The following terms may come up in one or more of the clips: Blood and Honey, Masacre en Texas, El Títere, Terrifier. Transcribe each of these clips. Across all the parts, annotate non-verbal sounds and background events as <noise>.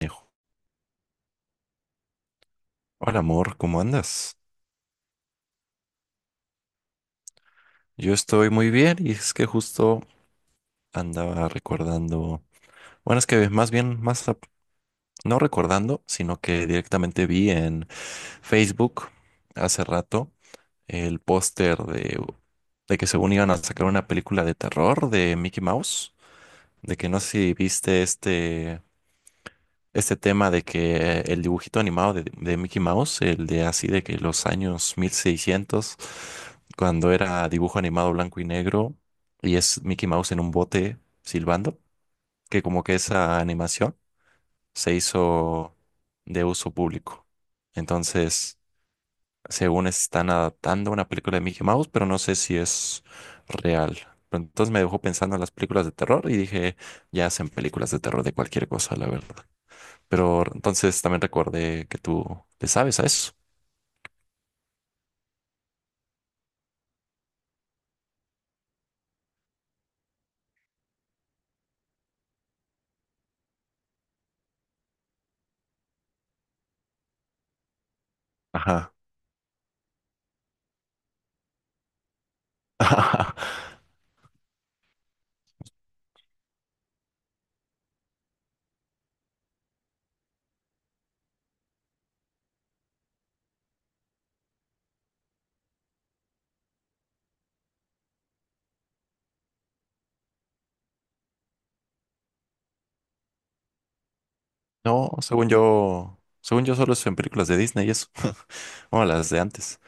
Dijo, hola amor, ¿cómo andas? Yo estoy muy bien y es que justo andaba recordando, bueno, es que más bien, no recordando, sino que directamente vi en Facebook hace rato el póster de que según iban a sacar una película de terror de Mickey Mouse, de que no sé si viste este tema de que el dibujito animado de Mickey Mouse, el de así de que los años 1600, cuando era dibujo animado blanco y negro, y es Mickey Mouse en un bote silbando, que como que esa animación se hizo de uso público. Entonces, según están adaptando una película de Mickey Mouse, pero no sé si es real. Pero entonces me dejó pensando en las películas de terror y dije, ya hacen películas de terror de cualquier cosa, la verdad. Pero entonces también recuerde que tú le sabes a eso. Ajá. <laughs> No, según yo solo es en películas de Disney y eso. <laughs> Bueno, las de antes.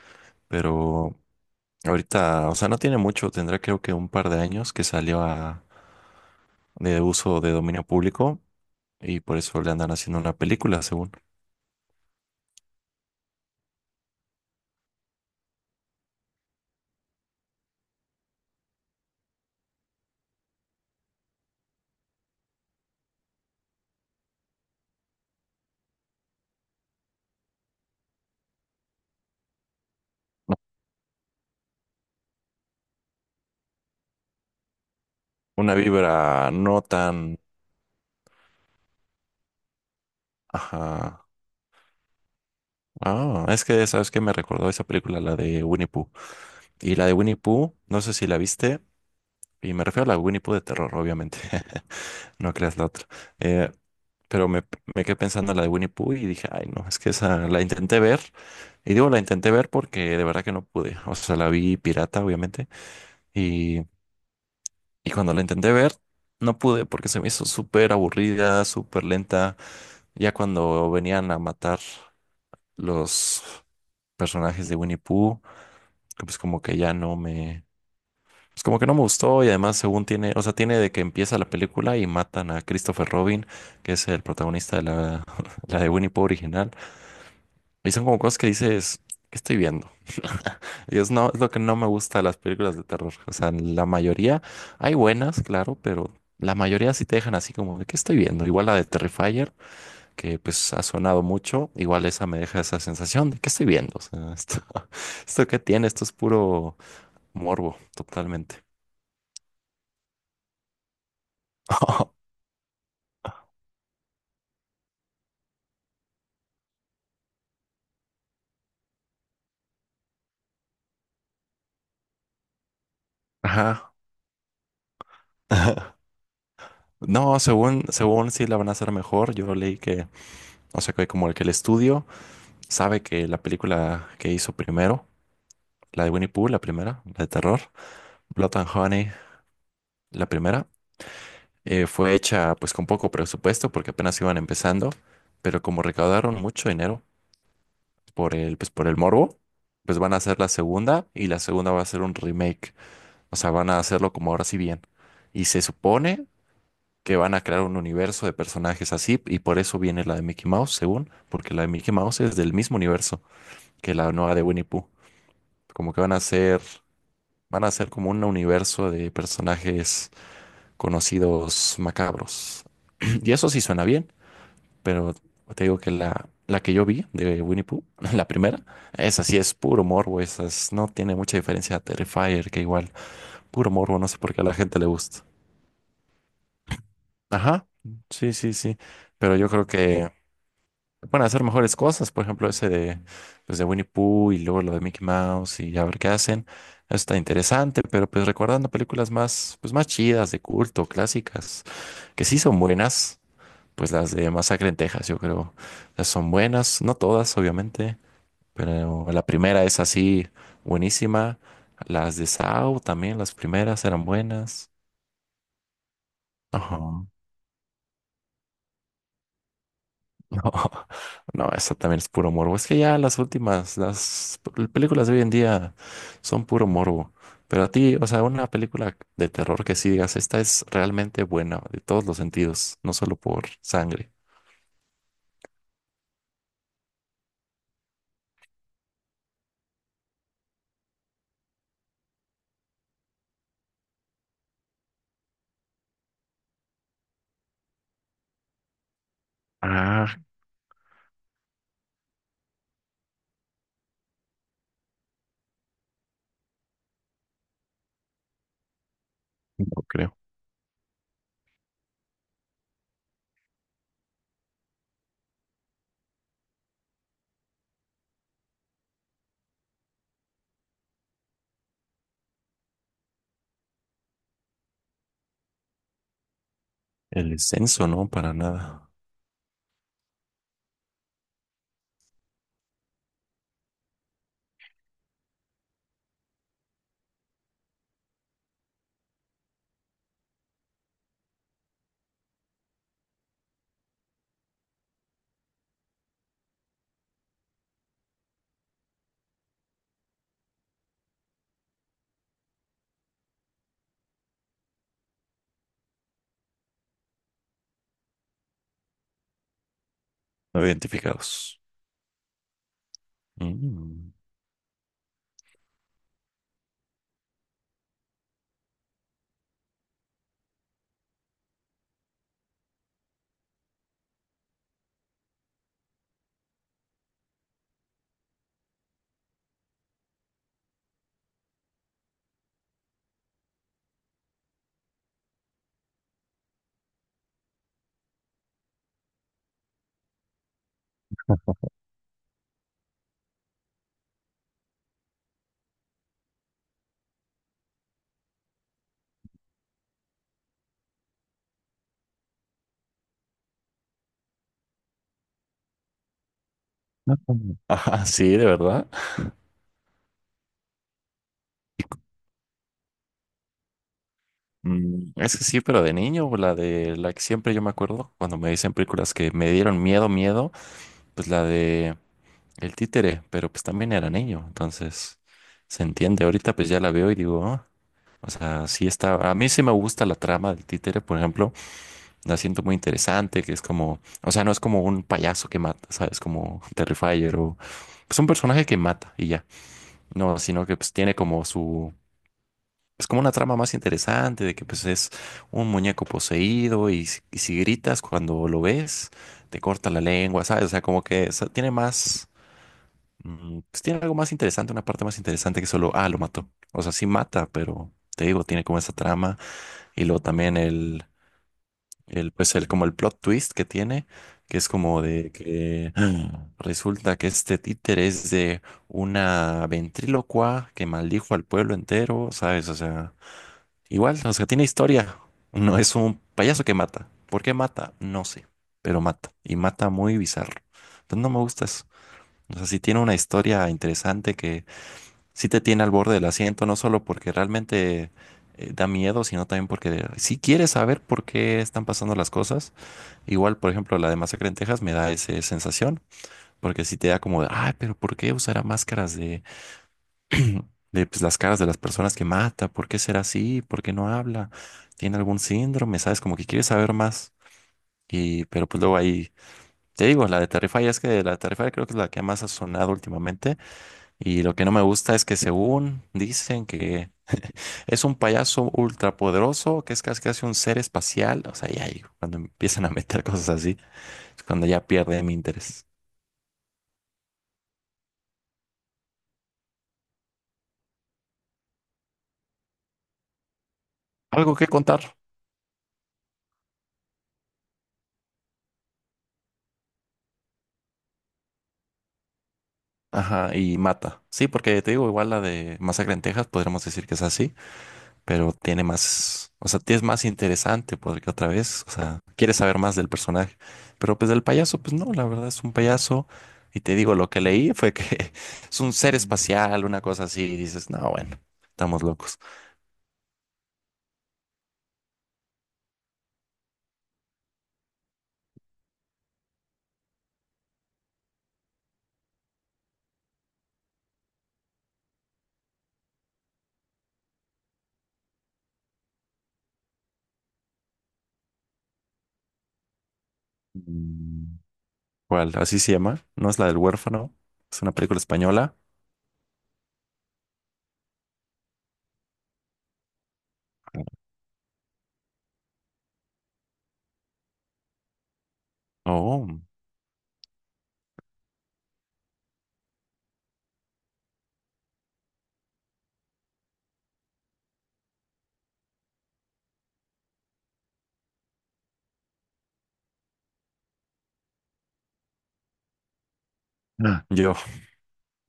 Pero ahorita, o sea, no tiene mucho, tendrá creo que un par de años que de uso de dominio público y por eso le andan haciendo una película, según. Una vibra no tan... Ajá. Ah, es que, ¿sabes qué? Me recordó esa película, la de Winnie Pooh. Y la de Winnie Pooh, no sé si la viste, y me refiero a la Winnie Pooh de terror, obviamente. <laughs> No creas la otra. Eh, pero me, me quedé pensando en la de Winnie Pooh y dije, ay, no, es que esa la intenté ver. Y digo, la intenté ver porque de verdad que no pude. O sea, la vi pirata, obviamente. Y, y cuando la intenté ver, no pude porque se me hizo súper aburrida, súper lenta. Ya cuando venían a matar los personajes de Winnie Pooh, que pues como que no me gustó, y además según tiene, o sea, tiene de que empieza la película y matan a Christopher Robin, que es el protagonista de <laughs> la de Winnie Pooh original, y son como cosas que dices, ¿qué estoy viendo? <laughs> Y es, no, es lo que no me gusta de las películas de terror, o sea, la mayoría, hay buenas, claro, pero... La mayoría sí te dejan así como, ¿qué estoy viendo? Igual la de Terrifier, que pues ha sonado mucho, igual esa me deja esa sensación de que estoy viendo. O sea, esto, <laughs> esto que tiene, esto es puro morbo, totalmente. <laughs> Ajá. <laughs> No, según, según sí la van a hacer mejor. Yo leí que, o sea, que como el estudio sabe que la película que hizo primero, la de Winnie Pooh, la primera, la de terror, Blood and Honey, la primera, fue hecha pues con poco presupuesto porque apenas iban empezando, pero como recaudaron mucho dinero pues por el morbo, pues van a hacer la segunda, y la segunda va a ser un remake. O sea, van a hacerlo como ahora sí bien. Y se supone que van a crear un universo de personajes así, y por eso viene la de Mickey Mouse, según, porque la de Mickey Mouse es del mismo universo que la nueva de Winnie Pooh. Como que van a ser como un universo de personajes conocidos macabros. <clears throat> Y eso sí suena bien. Pero te digo que la que yo vi de Winnie Pooh, <laughs> la primera, esa sí es puro morbo, no tiene mucha diferencia a Terrifier, que igual, puro morbo, no sé por qué a la gente le gusta. Ajá, sí, sí, sí, pero yo creo que pueden hacer mejores cosas, por ejemplo, pues de Winnie Pooh y luego lo de Mickey Mouse, y a ver qué hacen. Eso está interesante, pero pues recordando películas más, pues más chidas, de culto, clásicas, que sí son buenas, pues las de Masacre en Texas, yo creo, las son buenas, no todas, obviamente. Pero la primera es así buenísima. Las de Sao también, las primeras eran buenas. Ajá. No, <laughs> no, eso también es puro morbo. Es que ya las últimas, películas de hoy en día son puro morbo. Pero a ti, o sea, una película de terror que sí digas, esta es realmente buena de todos los sentidos, no solo por sangre. Ah, no creo. El descenso, no, para nada. No identificados. Mm. <laughs> Ajá. Ah, sí, de verdad. Mm, es que sí, pero de niño, pues, la de la que siempre yo me acuerdo cuando me dicen películas que me dieron miedo, pues la de El Títere, pero pues también era niño, entonces se entiende. Ahorita pues ya la veo y digo, "Ah", o sea, sí está. A mí sí me gusta la trama del Títere, por ejemplo, la siento muy interesante, que es como, o sea, no es como un payaso que mata, ¿sabes? Como Terrifier, o pues un personaje que mata y ya, no, sino que pues tiene como su, es como una trama más interesante de que pues es un muñeco poseído y, si gritas cuando lo ves, te corta la lengua, ¿sabes? O sea, como que tiene más, mm, pues tiene algo más interesante, una parte más interesante que solo, ah, lo mató. O sea, sí mata, pero te digo, tiene como esa trama, y luego también como el plot twist que tiene, que es como de que <gasps> resulta que este títere es de una ventrílocua que maldijo al pueblo entero, ¿sabes? O sea... Igual, o sea, tiene historia. No es un payaso que mata. ¿Por qué mata? No sé, pero mata. Y mata muy bizarro. Entonces no me gusta eso. O sea, sí tiene una historia interesante que sí te tiene al borde del asiento, no solo porque realmente da miedo, sino también porque si quieres saber por qué están pasando las cosas. Igual, por ejemplo, la de Masacre en Texas me da esa sensación, porque sí te da como, de, ay, pero ¿por qué usará máscaras de pues, las caras de las personas que mata? ¿Por qué será así? ¿Por qué no habla? ¿Tiene algún síndrome? ¿Sabes? Como que quiere saber más. Y, pero pues luego ahí, te digo, la de Terrify, es que la de Terrify creo que es la que más ha sonado últimamente. Y lo que no me gusta es que según dicen que es un payaso ultrapoderoso, que es casi casi un ser espacial. O sea, ya ahí cuando empiezan a meter cosas así, es cuando ya pierde mi interés. Algo que contar. Ajá, y mata. Sí, porque te digo, igual la de Masacre en Texas, podríamos decir que es así, pero tiene más, o sea, es más interesante porque otra vez, o sea, quieres saber más del personaje, pero pues del payaso, pues no, la verdad es un payaso, y te digo, lo que leí fue que <laughs> es un ser espacial, una cosa así, y dices, no, bueno, estamos locos. Mm, ¿cuál? Así se llama, no es la del huérfano, es una película española. Oh, ah, yo,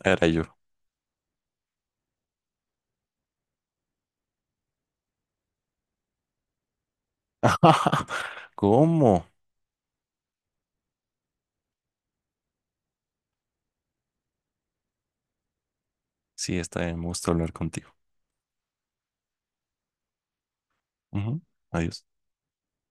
era yo. <laughs> ¿Cómo? Sí, está bien, me gusta hablar contigo. Ujú, adiós.